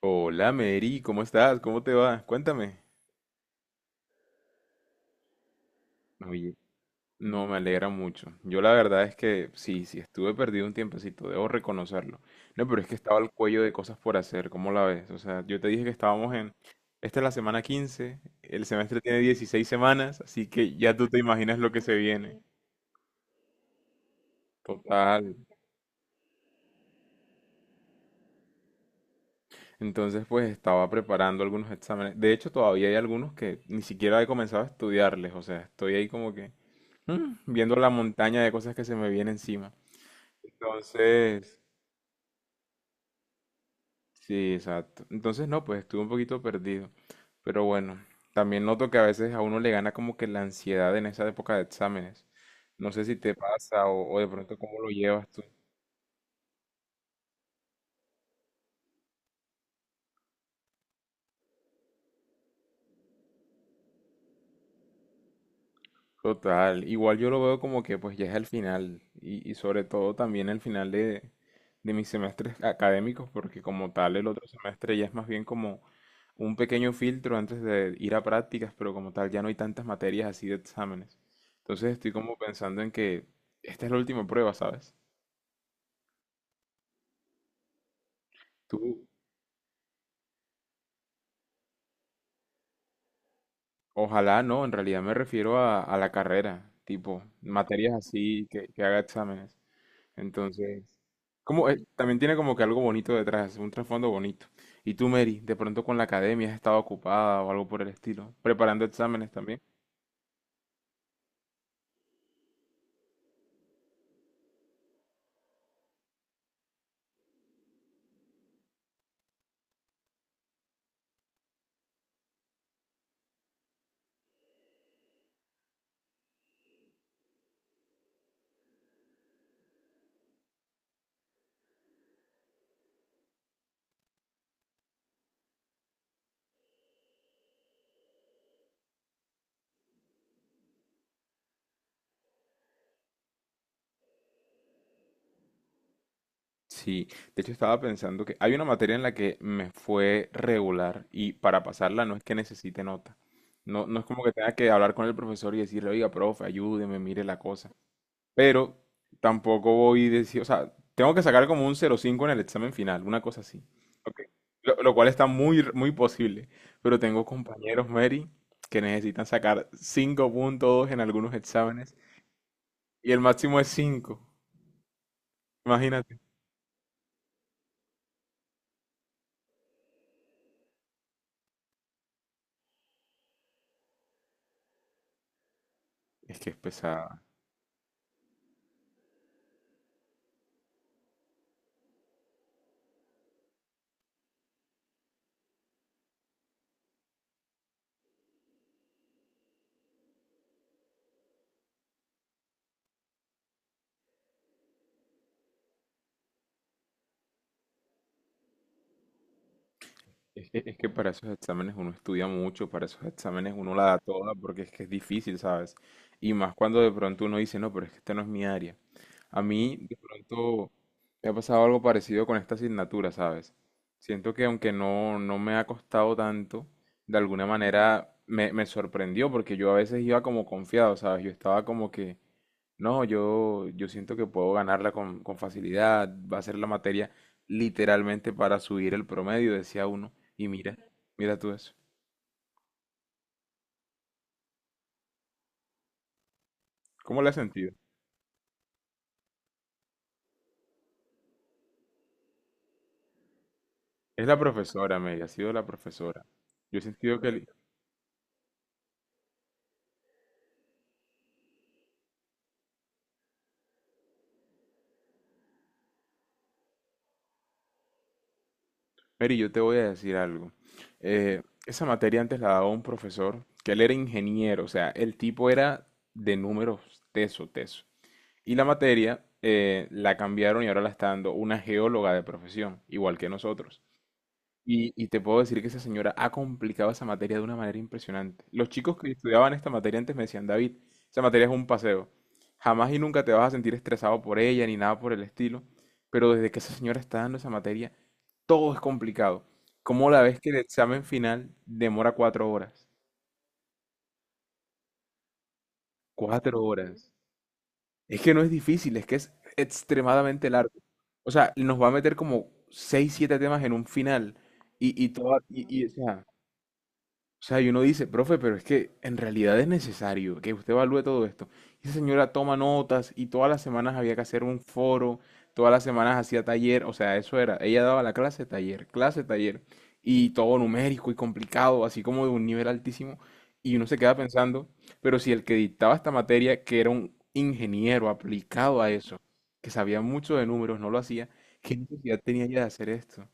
Hola Mary, ¿cómo estás? ¿Cómo te va? Cuéntame. Oye, no me alegra mucho. Yo la verdad es que sí, sí, estuve perdido un tiempecito, debo reconocerlo. No, pero es que estaba al cuello de cosas por hacer, ¿cómo la ves? O sea, yo te dije que estábamos en. Esta es la semana 15, el semestre tiene 16 semanas, así que ya tú te imaginas lo que se viene. Total. Entonces, pues estaba preparando algunos exámenes. De hecho, todavía hay algunos que ni siquiera he comenzado a estudiarles, o sea, estoy ahí como que. Viendo la montaña de cosas que se me viene encima. Entonces, sí, exacto. Entonces, no, pues estuve un poquito perdido. Pero bueno, también noto que a veces a uno le gana como que la ansiedad en esa época de exámenes. No sé si te pasa o de pronto cómo lo llevas tú. Total, igual yo lo veo como que pues ya es el final y sobre todo también el final de mis semestres académicos porque como tal el otro semestre ya es más bien como un pequeño filtro antes de ir a prácticas, pero como tal ya no hay tantas materias así de exámenes. Entonces estoy como pensando en que esta es la última prueba, ¿sabes? Tú, ojalá no, en realidad me refiero a la carrera, tipo, materias así que haga exámenes. Entonces, como, también tiene como que algo bonito detrás, un trasfondo bonito. Y tú, Mary, de pronto con la academia has estado ocupada o algo por el estilo, preparando exámenes también. Sí, de hecho estaba pensando que hay una materia en la que me fue regular y para pasarla no es que necesite nota. No, no es como que tenga que hablar con el profesor y decirle, oiga, profe, ayúdeme, mire la cosa. Pero tampoco voy a decir, o sea, tengo que sacar como un 0,5 en el examen final, una cosa así. Ok. Lo cual está muy posible. Pero tengo compañeros, Mary, que necesitan sacar 5,2 en algunos exámenes y el máximo es cinco. Imagínate. Es que es pesado. Es que para esos exámenes uno estudia mucho, para esos exámenes uno la da toda porque es que es difícil, ¿sabes? Y más cuando de pronto uno dice, no, pero es que este no es mi área. A mí de pronto me ha pasado algo parecido con esta asignatura, ¿sabes? Siento que aunque no me ha costado tanto, de alguna manera me sorprendió porque yo a veces iba como confiado, ¿sabes? Yo estaba como que, no, yo siento que puedo ganarla con facilidad. Va a ser la materia literalmente para subir el promedio, decía uno. Y mira, mira tú eso. ¿Cómo le has sentido? Es la profesora, Mary, ha sido la profesora. Yo he sentido que. Mary, yo te voy a decir algo. Esa materia antes la daba un profesor, que él era ingeniero, o sea, el tipo era de números teso, teso. Y la materia la cambiaron y ahora la está dando una geóloga de profesión, igual que nosotros. Y te puedo decir que esa señora ha complicado esa materia de una manera impresionante. Los chicos que estudiaban esta materia antes me decían, David, esa materia es un paseo. Jamás y nunca te vas a sentir estresado por ella ni nada por el estilo. Pero desde que esa señora está dando esa materia, todo es complicado. ¿Como la vez que el examen final demora 4 horas? 4 horas. Es que no es difícil, es que es extremadamente largo. O sea, nos va a meter como seis, siete temas en un final. Y, y, toda- y, y, o sea, O sea, y uno dice, profe, pero es que en realidad es necesario que usted evalúe todo esto. Y esa señora toma notas y todas las semanas había que hacer un foro, todas las semanas hacía taller, o sea, eso era, ella daba la clase, taller, y todo numérico y complicado, así como de un nivel altísimo. Y uno se queda pensando, pero si el que dictaba esta materia, que era un ingeniero aplicado a eso, que sabía mucho de números, no lo hacía, ¿qué necesidad tenía ella de hacer esto?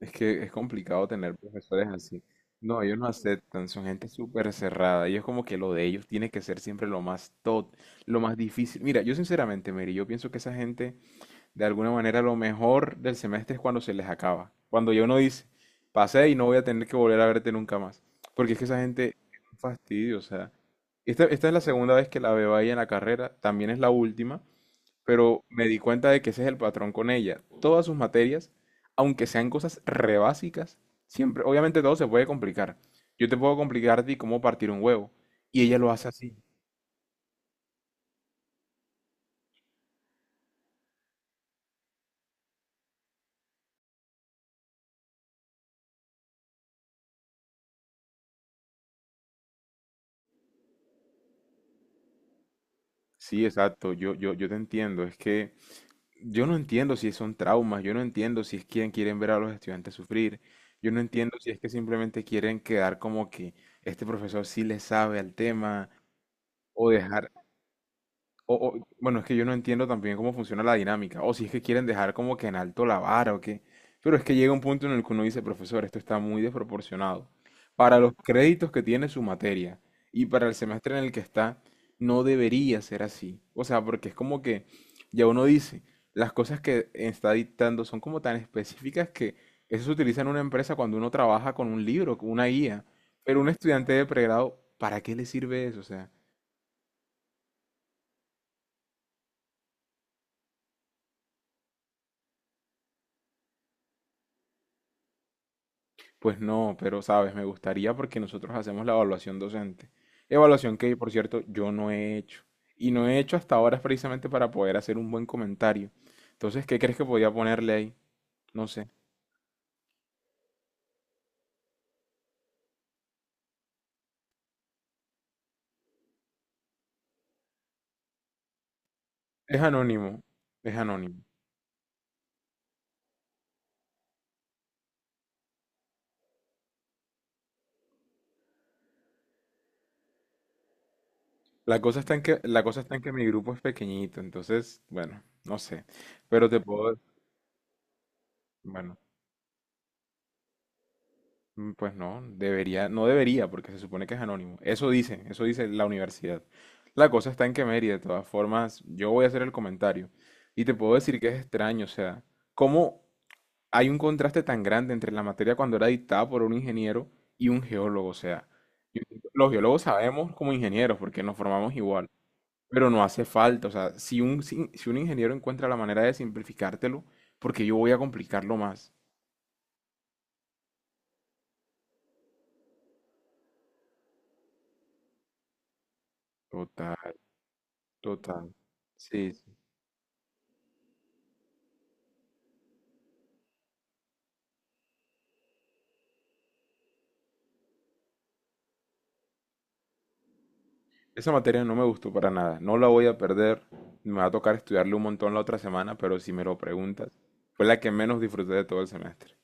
Es que es complicado tener profesores así. No, ellos no aceptan, son gente súper cerrada. Ellos como que lo de ellos tiene que ser siempre lo más top, lo más difícil. Mira, yo sinceramente, Mary, yo pienso que esa gente, de alguna manera, lo mejor del semestre es cuando se les acaba. Cuando yo no dice, pasé y no voy a tener que volver a verte nunca más. Porque es que esa gente es un fastidio, o sea. Esta es la segunda vez que la veo ahí en la carrera, también es la última, pero me di cuenta de que ese es el patrón con ella. Todas sus materias, aunque sean cosas re básicas, siempre, obviamente todo se puede complicar. Yo te puedo complicar a ti cómo partir un huevo, y ella lo hace así. Sí, exacto, yo te entiendo, es que yo no entiendo si son traumas, yo no entiendo si es quien quieren ver a los estudiantes sufrir, yo no entiendo si es que simplemente quieren quedar como que este profesor sí le sabe al tema, o dejar, bueno, es que yo no entiendo también cómo funciona la dinámica, o si es que quieren dejar como que en alto la vara o qué. Pero es que llega un punto en el que uno dice, profesor, esto está muy desproporcionado. Para los créditos que tiene su materia y para el semestre en el que está, no debería ser así. O sea, porque es como que ya uno dice, las cosas que está dictando son como tan específicas que eso se utiliza en una empresa cuando uno trabaja con un libro, con una guía. Pero un estudiante de pregrado, ¿para qué le sirve eso? O sea, pues no, pero sabes, me gustaría porque nosotros hacemos la evaluación docente. Evaluación que, por cierto, yo no he hecho. Y no he hecho hasta ahora precisamente para poder hacer un buen comentario. Entonces, ¿qué crees que podía ponerle ahí? No sé. Es anónimo. Es anónimo. La cosa está en que, la cosa está en que mi grupo es pequeñito, entonces, bueno, no sé. Pero te puedo, bueno. Pues no, debería, no debería, porque se supone que es anónimo. Eso dice la universidad. La cosa está en que Mary, de todas formas, yo voy a hacer el comentario. Y te puedo decir que es extraño, o sea, cómo hay un contraste tan grande entre la materia cuando era dictada por un ingeniero y un geólogo. O sea, yo- los geólogos sabemos como ingenieros, porque nos formamos igual, pero no hace falta. O sea, si un ingeniero encuentra la manera de simplificártelo, porque yo voy a complicarlo más. Total, total. Sí, sí. Esa materia no me gustó para nada, no la voy a perder, me va a tocar estudiarle un montón la otra semana, pero si me lo preguntas, fue la que menos disfruté de todo el semestre.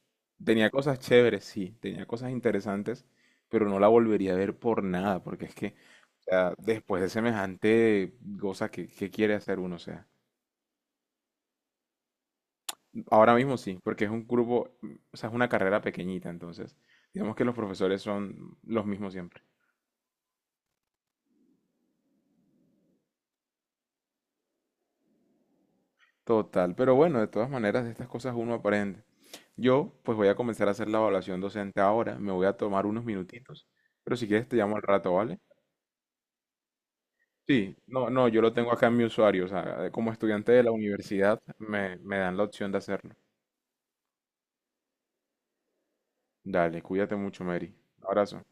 Tenía cosas chéveres, sí, tenía cosas interesantes, pero no la volvería a ver por nada, porque es que, o sea, después de semejante cosa qué que quiere hacer uno, o sea, ahora mismo sí, porque es un grupo, o sea, es una carrera pequeñita, entonces, digamos que los profesores son los mismos siempre. Total, pero bueno, de todas maneras, de estas cosas uno aprende. Yo, pues voy a comenzar a hacer la evaluación docente ahora, me voy a tomar unos minutitos, pero si quieres te llamo al rato, ¿vale? Sí, no, no, yo lo tengo acá en mi usuario, o sea, como estudiante de la universidad me dan la opción de hacerlo. Dale, cuídate mucho, Mary. Abrazo.